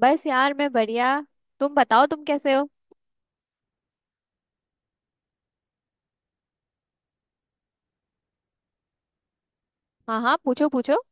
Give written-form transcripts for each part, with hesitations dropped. बस यार मैं बढ़िया। तुम बताओ तुम कैसे हो। हाँ हाँ, पूछो पूछो।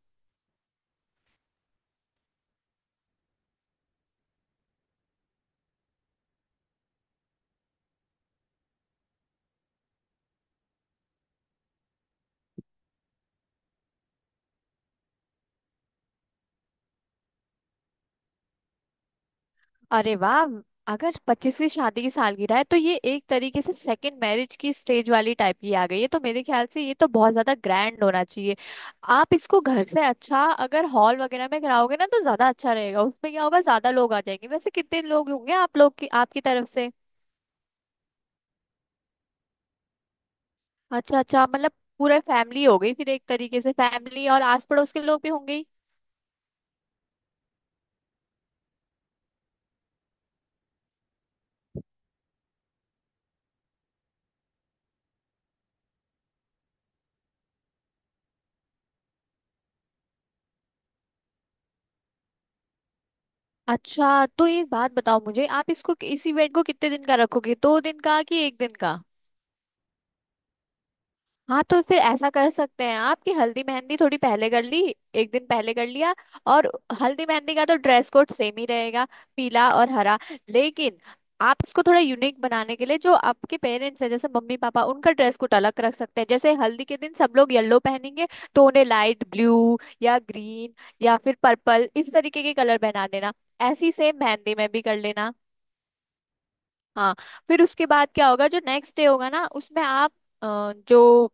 अरे वाह! अगर 25वीं शादी की सालगिरह है तो ये एक तरीके से सेकंड मैरिज की स्टेज वाली टाइप की आ गई है, तो मेरे ख्याल से ये तो बहुत ज्यादा ग्रैंड होना चाहिए। आप इसको घर से अच्छा अगर हॉल वगैरह में कराओगे ना तो ज्यादा अच्छा रहेगा। उसमें क्या होगा, ज्यादा लोग आ जाएंगे। वैसे कितने लोग होंगे आप लोग की आपकी तरफ से? अच्छा अच्छा, मतलब पूरा फैमिली हो गई फिर एक तरीके से, फैमिली और आस पड़ोस के लोग भी होंगे ही। अच्छा तो एक बात बताओ मुझे, आप इसको इस इवेंट को कितने दिन का रखोगे, 2 दिन का कि एक दिन का? हाँ तो फिर ऐसा कर सकते हैं आप कि हल्दी मेहंदी थोड़ी पहले कर ली, एक दिन पहले कर लिया। और हल्दी मेहंदी का तो ड्रेस कोड सेम ही रहेगा, पीला और हरा। लेकिन आप इसको थोड़ा यूनिक बनाने के लिए, जो आपके पेरेंट्स हैं जैसे मम्मी पापा, उनका ड्रेस कोड अलग रख सकते हैं। जैसे हल्दी के दिन सब लोग येलो पहनेंगे तो उन्हें लाइट ब्लू या ग्रीन या फिर पर्पल, इस तरीके के कलर पहना देना। ऐसी सेम मेहंदी में भी कर लेना। हाँ, फिर उसके बाद क्या होगा जो नेक्स्ट डे होगा ना उसमें आप, जो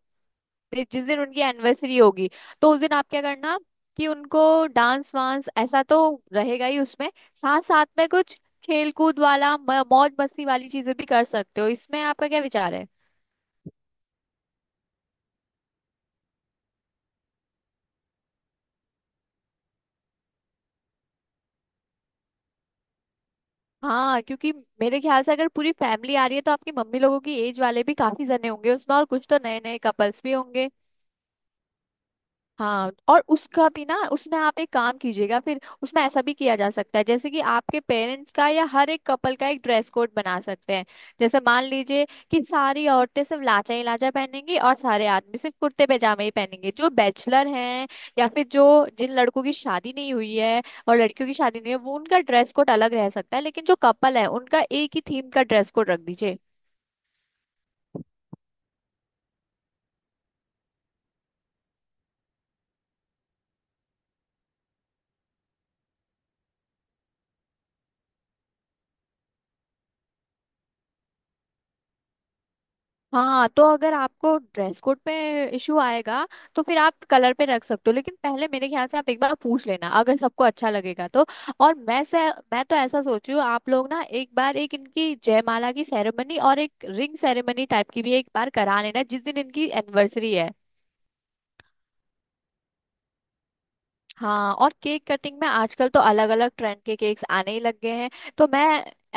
जिस दिन उनकी एनिवर्सरी होगी, तो उस दिन आप क्या करना कि उनको डांस वांस ऐसा तो रहेगा ही उसमें। साथ साथ में कुछ खेल कूद वाला मौज मस्ती वाली चीजें भी कर सकते हो। इसमें आपका क्या विचार है? हाँ क्योंकि मेरे ख्याल से अगर पूरी फैमिली आ रही है तो आपकी मम्मी लोगों की एज वाले भी काफी जने होंगे उसमें, और कुछ तो नए नए कपल्स भी होंगे। हाँ और उसका भी ना, उसमें आप एक काम कीजिएगा, फिर उसमें ऐसा भी किया जा सकता है जैसे कि आपके पेरेंट्स का या हर एक कपल का एक ड्रेस कोड बना सकते हैं। जैसे मान लीजिए कि सारी औरतें सिर्फ लाचा ही लाचा पहनेंगी और सारे आदमी सिर्फ कुर्ते पैजामे ही पहनेंगे। जो बैचलर हैं या फिर जो जिन लड़कों की शादी नहीं हुई है और लड़कियों की शादी नहीं है, वो उनका ड्रेस कोड अलग रह सकता है, लेकिन जो कपल है उनका एक ही थीम का ड्रेस कोड रख दीजिए। हाँ तो अगर आपको ड्रेस कोड पे इशू आएगा तो फिर आप कलर पे रख सकते हो, लेकिन पहले मेरे ख्याल से आप एक बार पूछ लेना, अगर सबको अच्छा लगेगा तो। और मैं तो ऐसा सोच रही हूँ, आप लोग ना एक बार एक इनकी जयमाला की सेरेमनी और एक रिंग सेरेमनी टाइप की भी एक बार करा लेना जिस दिन इनकी एनिवर्सरी है। हाँ और केक कटिंग में आजकल तो अलग अलग ट्रेंड के केक्स आने ही लग गए हैं। तो मैं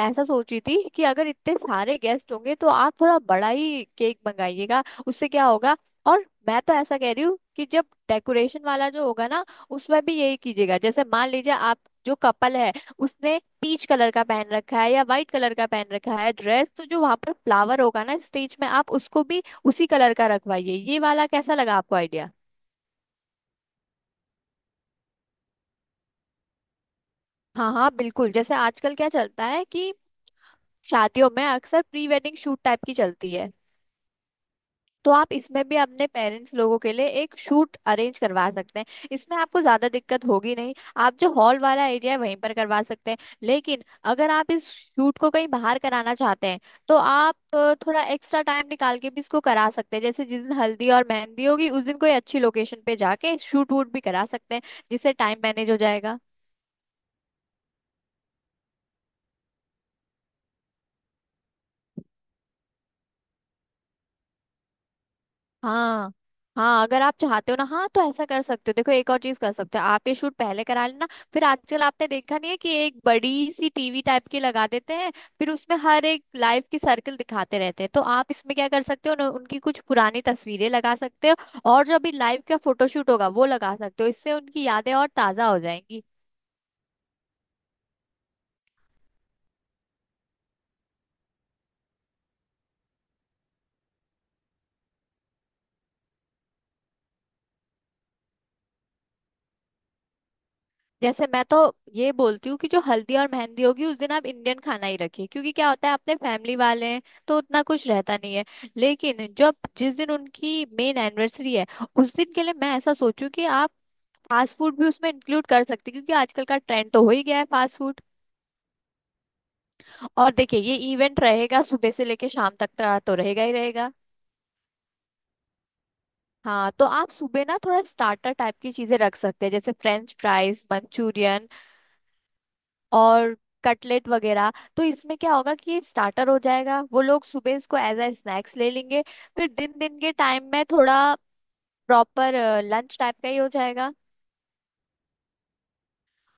ऐसा सोची थी कि अगर इतने सारे गेस्ट होंगे तो आप थोड़ा बड़ा ही केक मंगाइएगा, उससे क्या होगा। और मैं तो ऐसा कह रही हूँ कि जब डेकोरेशन वाला जो होगा ना उसमें भी यही कीजिएगा। जैसे मान लीजिए आप जो कपल है उसने पीच कलर का पहन रखा है या वाइट कलर का पहन रखा है ड्रेस, तो जो वहां पर फ्लावर होगा ना स्टेज में, आप उसको भी उसी कलर का रखवाइए। ये वाला कैसा लगा आपको आइडिया? हाँ हाँ बिल्कुल। जैसे आजकल क्या चलता है कि शादियों में अक्सर प्री वेडिंग शूट टाइप की चलती है, तो आप इसमें भी अपने पेरेंट्स लोगों के लिए एक शूट अरेंज करवा सकते हैं। इसमें आपको ज्यादा दिक्कत होगी नहीं, आप जो हॉल वाला एरिया है वहीं पर करवा सकते हैं। लेकिन अगर आप इस शूट को कहीं बाहर कराना चाहते हैं तो आप थोड़ा एक्स्ट्रा टाइम निकाल के भी इसको करा सकते हैं, जैसे जिस दिन हल्दी और मेहंदी होगी उस दिन कोई अच्छी लोकेशन पे जाके शूट वूट भी करा सकते हैं, जिससे टाइम मैनेज हो जाएगा। हाँ हाँ, अगर आप चाहते हो ना, हाँ तो ऐसा कर सकते हो। देखो, एक और चीज कर सकते हो आप, ये शूट पहले करा लेना। फिर आजकल आपने देखा नहीं है कि एक बड़ी सी टीवी टाइप की लगा देते हैं, फिर उसमें हर एक लाइफ की सर्कल दिखाते रहते हैं। तो आप इसमें क्या कर सकते हो, उनकी कुछ पुरानी तस्वीरें लगा सकते हो और जो अभी लाइव का फोटोशूट होगा वो लगा सकते हो, इससे उनकी यादें और ताजा हो जाएंगी। जैसे मैं तो ये बोलती हूँ कि जो हल्दी और मेहंदी होगी उस दिन आप इंडियन खाना ही रखिए, क्योंकि क्या होता है अपने फैमिली वाले हैं तो उतना कुछ रहता नहीं है। लेकिन जब जिस दिन उनकी मेन एनिवर्सरी है उस दिन के लिए मैं ऐसा सोचूं कि आप फास्ट फूड भी उसमें इंक्लूड कर सकते हैं, क्योंकि आजकल का ट्रेंड तो हो ही गया है फास्ट फूड। और देखिए ये इवेंट रहेगा सुबह से लेके शाम तक का, तो रहेगा ही रहेगा। हाँ तो आप सुबह ना थोड़ा स्टार्टर टाइप की चीजें रख सकते हैं, जैसे फ्रेंच फ्राइज, मंचूरियन और कटलेट वगैरह। तो इसमें क्या होगा कि ये स्टार्टर हो जाएगा, वो लोग सुबह इसको एज अ स्नैक्स ले लेंगे। फिर दिन दिन के टाइम में थोड़ा प्रॉपर लंच टाइप का ही हो जाएगा।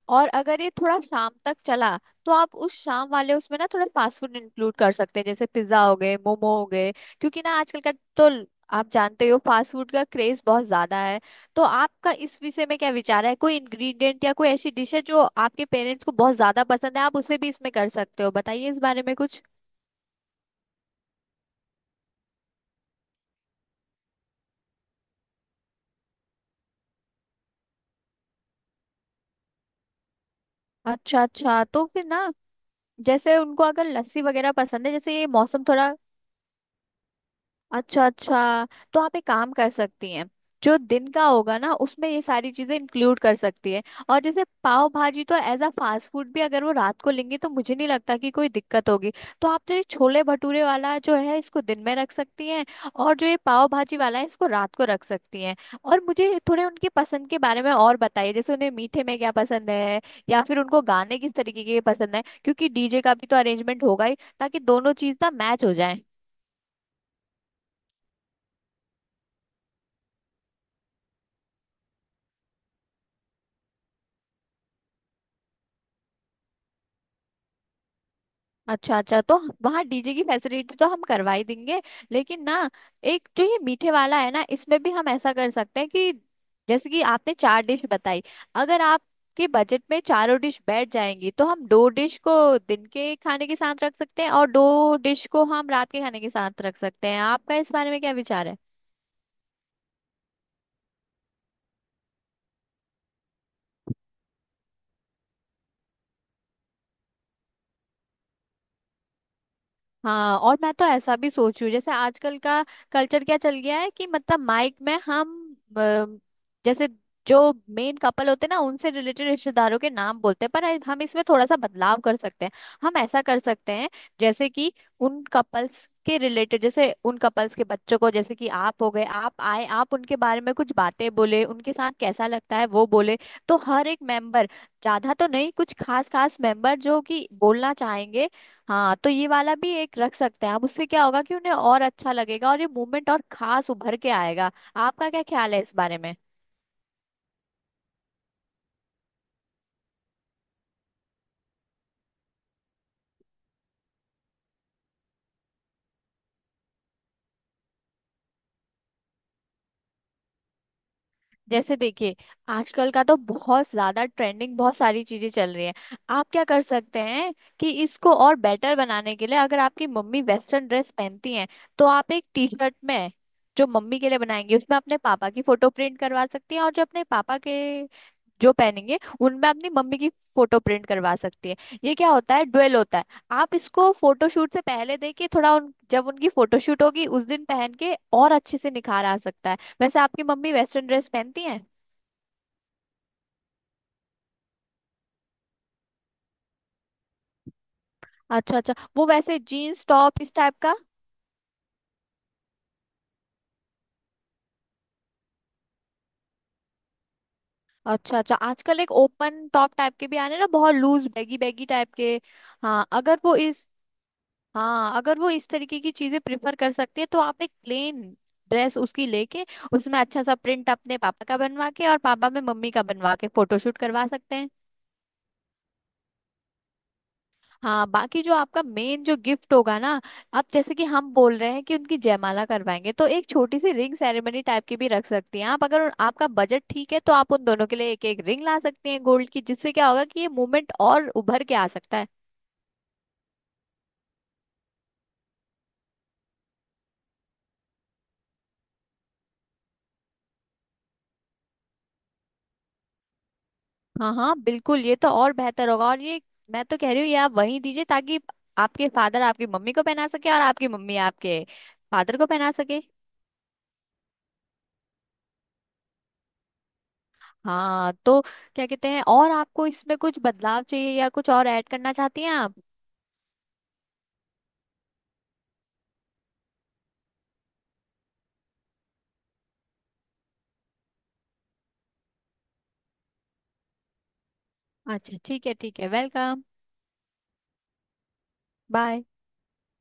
और अगर ये थोड़ा शाम तक चला तो आप उस शाम वाले उसमें ना थोड़ा फास्ट फूड इंक्लूड कर सकते हैं, जैसे पिज्जा हो गए, मोमो हो गए। क्योंकि ना आजकल का तो ल- आप जानते हो फास्ट फूड का क्रेज बहुत ज्यादा है। तो आपका इस विषय में क्या विचार है? कोई इंग्रेडिएंट या कोई ऐसी डिश है जो आपके पेरेंट्स को बहुत ज्यादा पसंद है, आप उसे भी इसमें कर सकते हो। बताइए इस बारे में कुछ। अच्छा अच्छा तो फिर ना, जैसे उनको अगर लस्सी वगैरह पसंद है, जैसे ये मौसम थोड़ा। अच्छा अच्छा, तो आप एक काम कर सकती हैं, जो दिन का होगा ना उसमें ये सारी चीजें इंक्लूड कर सकती है। और जैसे पाव भाजी तो एज अ फास्ट फूड भी अगर वो रात को लेंगे तो मुझे नहीं लगता कि कोई दिक्कत होगी। तो आप तो ये छोले भटूरे वाला जो है इसको दिन में रख सकती हैं, और जो ये पाव भाजी वाला है इसको रात को रख सकती हैं। और मुझे थोड़े उनकी पसंद के बारे में और बताइए, जैसे उन्हें मीठे में क्या पसंद है या फिर उनको गाने किस तरीके के पसंद है, क्योंकि डीजे का भी तो अरेंजमेंट होगा ही, ताकि दोनों चीज ना मैच हो जाए। अच्छा अच्छा, तो वहाँ डीजे की फैसिलिटी तो हम करवा ही देंगे। लेकिन ना, एक जो ये मीठे वाला है ना इसमें भी हम ऐसा कर सकते हैं कि, जैसे कि आपने चार डिश बताई, अगर आपके बजट में चारों डिश बैठ जाएंगी तो हम दो डिश को दिन के खाने के साथ रख सकते हैं और दो डिश को हम रात के खाने के साथ रख सकते हैं। आपका इस बारे में क्या विचार है? हाँ और मैं तो ऐसा भी सोच रही हूँ, जैसे आजकल का कल्चर क्या चल गया है कि मतलब माइक में हम, अ, जैसे जो मेन कपल होते हैं ना उनसे रिलेटेड रिश्तेदारों के नाम बोलते हैं, पर हम इसमें थोड़ा सा बदलाव कर सकते हैं। हम ऐसा कर सकते हैं, जैसे कि उन कपल्स के रिलेटेड, जैसे उन कपल्स के बच्चों को, जैसे कि आप हो गए, आप आए आप उनके बारे में कुछ बातें बोले, उनके साथ कैसा लगता है वो बोले। तो हर एक मेंबर, ज्यादा तो नहीं, कुछ खास खास मेंबर जो कि बोलना चाहेंगे। हाँ तो ये वाला भी एक रख सकते हैं आप, उससे क्या होगा कि उन्हें और अच्छा लगेगा और ये मूवमेंट और खास उभर के आएगा। आपका क्या ख्याल है इस बारे में? जैसे देखिए आजकल का तो बहुत ज्यादा ट्रेंडिंग बहुत सारी चीजें चल रही हैं। आप क्या कर सकते हैं कि इसको और बेटर बनाने के लिए, अगर आपकी मम्मी वेस्टर्न ड्रेस पहनती हैं तो आप एक टी शर्ट में जो मम्मी के लिए बनाएंगे उसमें अपने पापा की फोटो प्रिंट करवा सकती हैं, और जो अपने पापा के जो पहनेंगे उनमें अपनी मम्मी की फोटो प्रिंट करवा सकती है। ये क्या होता है, ड्वेल होता है। आप इसको फोटोशूट से पहले देखिए, थोड़ा जब उनकी फोटोशूट होगी उस दिन पहन के और अच्छे से निखार आ सकता है। वैसे आपकी मम्मी वेस्टर्न ड्रेस पहनती हैं? अच्छा अच्छा, वो वैसे जीन्स टॉप इस टाइप का? अच्छा अच्छा, आजकल एक ओपन टॉप टाइप के भी आने ना, बहुत लूज बैगी बैगी टाइप के। हाँ अगर वो इस हाँ अगर वो इस तरीके की चीजें प्रिफर कर सकती है तो आप एक प्लेन ड्रेस उसकी लेके, उसमें अच्छा सा प्रिंट अपने पापा का बनवा के और पापा में मम्मी का बनवा के फोटोशूट करवा सकते हैं। हाँ बाकी जो आपका मेन जो गिफ्ट होगा ना, अब जैसे कि हम बोल रहे हैं कि उनकी जयमाला करवाएंगे तो एक छोटी सी रिंग सेरेमनी टाइप की भी रख सकती हैं आप। अगर आपका बजट ठीक है तो आप उन दोनों के लिए एक एक रिंग ला सकती हैं गोल्ड की, जिससे क्या होगा कि ये मूवमेंट और उभर के आ सकता है। हाँ हाँ बिल्कुल, ये तो और बेहतर होगा। और ये मैं तो कह रही हूँ ये आप वहीं दीजिए, ताकि आपके फादर आपकी मम्मी को पहना सके और आपकी मम्मी आपके फादर को पहना सके। हाँ तो क्या कहते हैं, और आपको इसमें कुछ बदलाव चाहिए या कुछ और ऐड करना चाहती हैं आप? अच्छा ठीक है ठीक है, वेलकम। बाय।